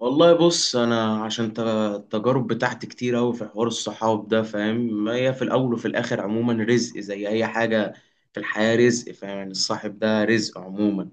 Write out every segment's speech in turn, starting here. والله بص انا عشان التجارب بتاعتي كتير اوي في حوار الصحاب ده فاهم. هي في الاول وفي الاخر عموما رزق زي اي حاجه في الحياه، رزق فاهم. يعني الصاحب ده رزق عموما.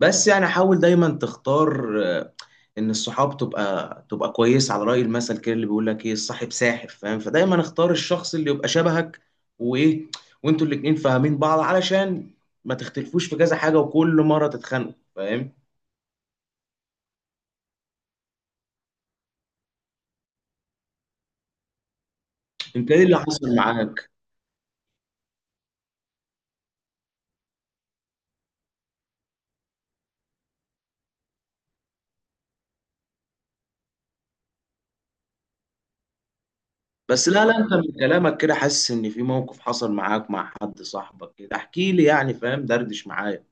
بس يعني حاول دايما تختار ان الصحاب تبقى كويس، على راي المثل كده اللي بيقول لك ايه، الصاحب ساحر فاهم. فدايما اختار الشخص اللي يبقى شبهك وايه، وانتوا الاتنين فاهمين بعض علشان ما تختلفوش في كذا حاجه وكل مره تتخانقوا فاهم. انت ايه اللي حصل معاك؟ بس لا لا، انت من كلامك كده حاسس ان في موقف حصل معاك مع حد صاحبك كده، احكي لي يعني فاهم، دردش معايا.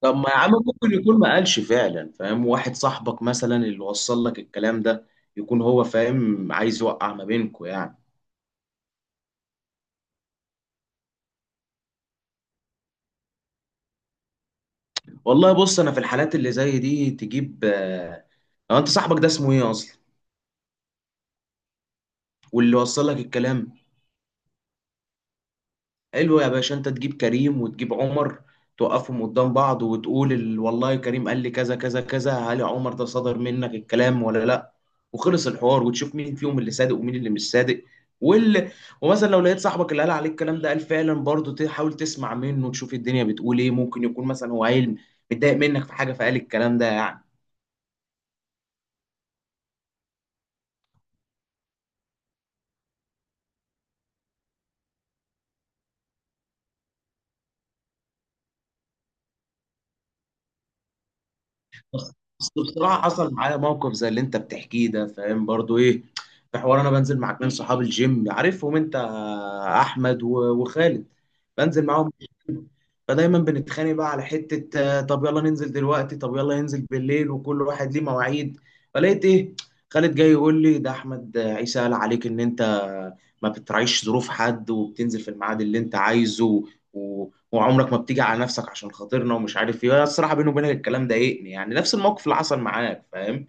طب ما يا عم، ممكن يكون ما قالش فعلا فاهم. واحد صاحبك مثلا اللي وصل لك الكلام ده يكون هو فاهم عايز يوقع ما بينكوا يعني. والله بص، انا في الحالات اللي زي دي تجيب هو انت صاحبك ده اسمه ايه اصلا؟ واللي وصل لك الكلام؟ حلو يا باشا، انت تجيب كريم وتجيب عمر، توقفهم قدام بعض وتقول والله كريم قال لي كذا كذا كذا، هل يا عمر ده صدر منك الكلام ولا لا؟ وخلص الحوار، وتشوف مين فيهم اللي صادق ومين اللي مش صادق. وال... ومثلا لو لقيت صاحبك اللي قال عليك الكلام ده قال فعلا، برضه تحاول تسمع منه وتشوف الدنيا بتقول ايه. ممكن يكون مثلا هو عيل متضايق منك في حاجه فقال الكلام ده يعني. بس بصراحة حصل معايا موقف زي اللي انت بتحكيه ده، فاهم برضو ايه، في حوار انا بنزل مع اتنين صحاب الجيم عارفهم انت، احمد وخالد. بنزل معاهم، فدايما بنتخانق بقى على حتة طب يلا ننزل دلوقتي، طب يلا ننزل بالليل، وكل واحد ليه مواعيد. فلقيت ايه، خالد جاي يقول لي ده احمد عيسى قال عليك ان انت ما بتراعيش ظروف حد وبتنزل في الميعاد اللي انت عايزه، وعمرك ما بتيجي على نفسك عشان خاطرنا ومش عارف ايه. أنا الصراحة بيني وبينك الكلام ضايقني يعني، نفس الموقف اللي حصل معاك فاهم.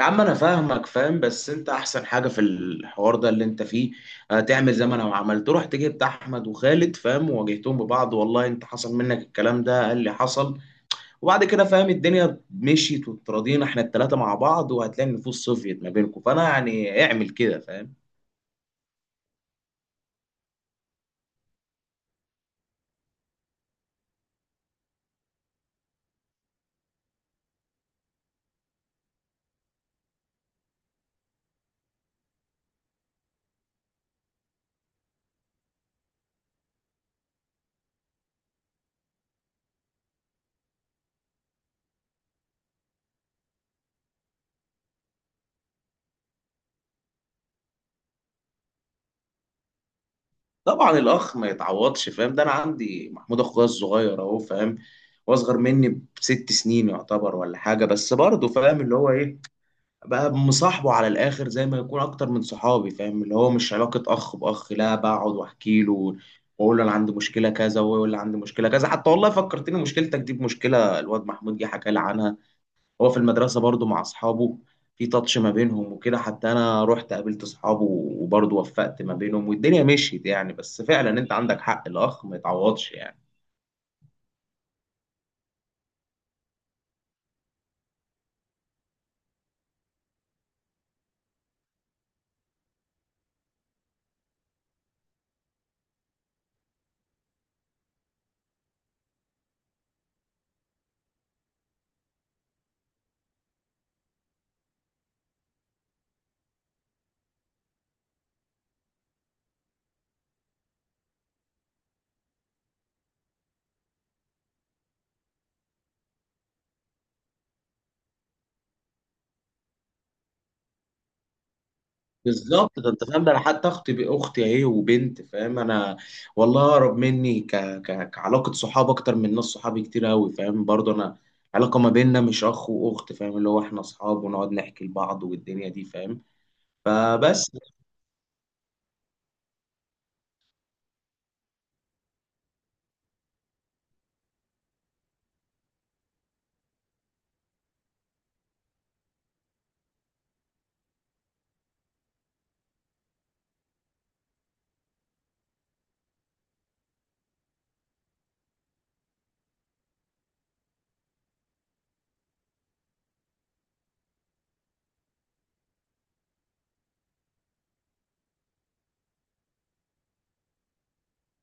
يا عم انا فاهمك فاهم، بس انت احسن حاجه في الحوار ده اللي انت فيه تعمل زي ما انا عملت، رحت جبت احمد وخالد فاهم وواجهتهم ببعض، والله انت حصل منك الكلام ده؟ قال لي حصل. وبعد كده فاهم الدنيا مشيت وتراضينا احنا الثلاثه مع بعض، وهتلاقي النفوس صفيت ما بينكم. فانا يعني اعمل كده فاهم. طبعا الاخ ما يتعوضش فاهم، ده انا عندي محمود اخويا الصغير اهو فاهم، واصغر مني ب6 سنين يعتبر ولا حاجه، بس برضه فاهم اللي هو ايه، بقى مصاحبه على الاخر زي ما يكون اكتر من صحابي فاهم، اللي هو مش علاقه اخ باخ، لا بقعد واحكي له واقول له انا عندي مشكله كذا وهو يقول لي عندي مشكله كذا. حتى والله فكرتني مشكلتك دي بمشكله الواد محمود، جه حكى لي عنها، هو في المدرسه برضه مع اصحابه في تاتش ما بينهم وكده، حتى انا رحت قابلت اصحابه وبرضه وفقت ما بينهم والدنيا مشيت يعني. بس فعلا انت عندك حق، الاخ ما يتعوضش يعني. بالظبط، ده انت فاهم، ده انا حتى اختي، باختي اهي وبنت فاهم، انا والله اقرب مني كعلاقه صحاب اكتر من ناس صحابي كتير قوي فاهم، برضه انا علاقه ما بيننا مش اخ واخت فاهم، اللي هو احنا اصحاب ونقعد نحكي لبعض والدنيا دي فاهم. فبس.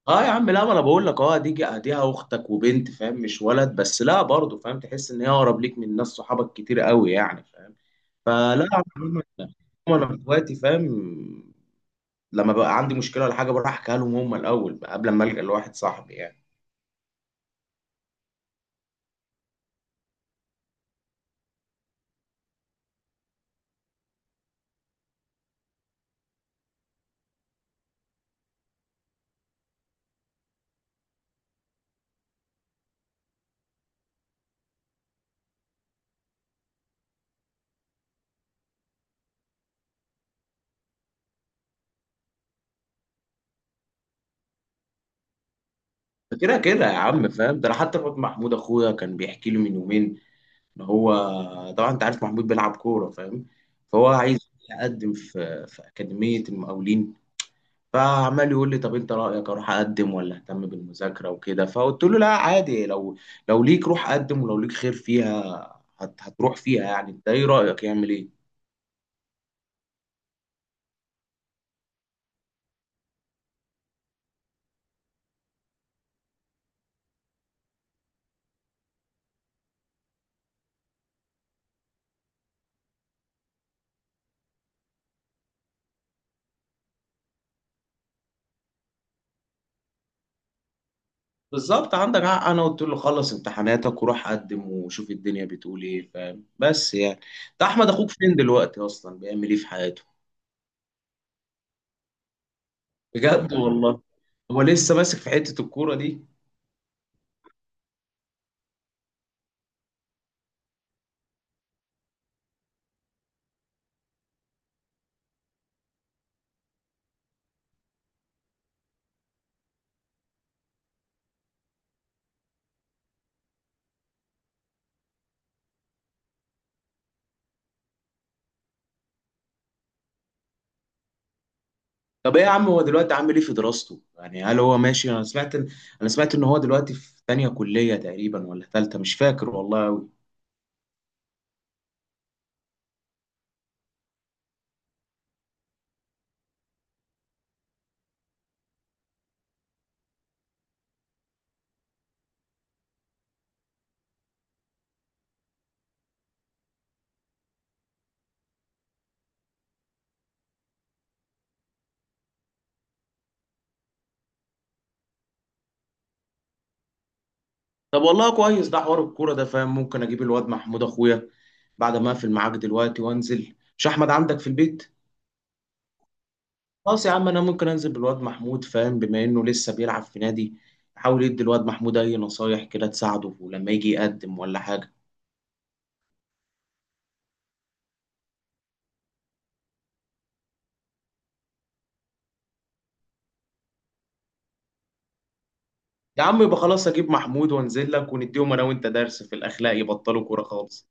اه يا عم، لا ما انا بقول لك اه، ديها اختك وبنت فاهم، مش ولد، بس لا برضه فاهم تحس ان هي اقرب ليك من ناس صحابك كتير قوي يعني فاهم. فلا يا عم، انا اخواتي فاهم، لما بقى عندي مشكله ولا حاجه بروح احكيها لهم هم الاول قبل ما الجا لواحد صاحبي يعني. فكده كده يا عم فاهم، ده انا حتى الواد محمود اخويا كان بيحكي لي من يومين ان هو، طبعا انت عارف محمود بيلعب كوره فاهم، فهو عايز يقدم في اكاديميه المقاولين. فعمال يقول لي طب انت رايك اروح اقدم ولا اهتم بالمذاكره وكده، فقلت له لا عادي، لو ليك روح قدم، ولو ليك خير فيها هتروح فيها يعني. انت ايه رايك يعمل ايه؟ بالظبط عندك حق، انا قلت له خلص امتحاناتك وروح قدم وشوف الدنيا بتقول ايه فاهم، بس يعني ده احمد اخوك فين دلوقتي اصلا بيعمل ايه في حياته؟ بجد والله، هو لسه ماسك في حتة الكورة دي؟ طب ايه يا عم، هو دلوقتي عامل ايه في دراسته يعني؟ هل هو ماشي؟ انا سمعت ان هو دلوقتي في تانية كلية تقريبا ولا تالتة مش فاكر والله قوي. طب والله كويس ده حوار الكورة ده فاهم، ممكن اجيب الواد محمود اخويا بعد ما اقفل معاك دلوقتي وانزل. مش احمد عندك في البيت؟ خلاص يا عم، انا ممكن انزل بالواد محمود فاهم بما انه لسه بيلعب في نادي، احاول ادي الواد محمود اي نصايح كده تساعده ولما يجي يقدم ولا حاجه. يا عم يبقى خلاص، اجيب محمود وانزل لك، ونديهم انا وانت درس في الاخلاق يبطلوا كوره خالص.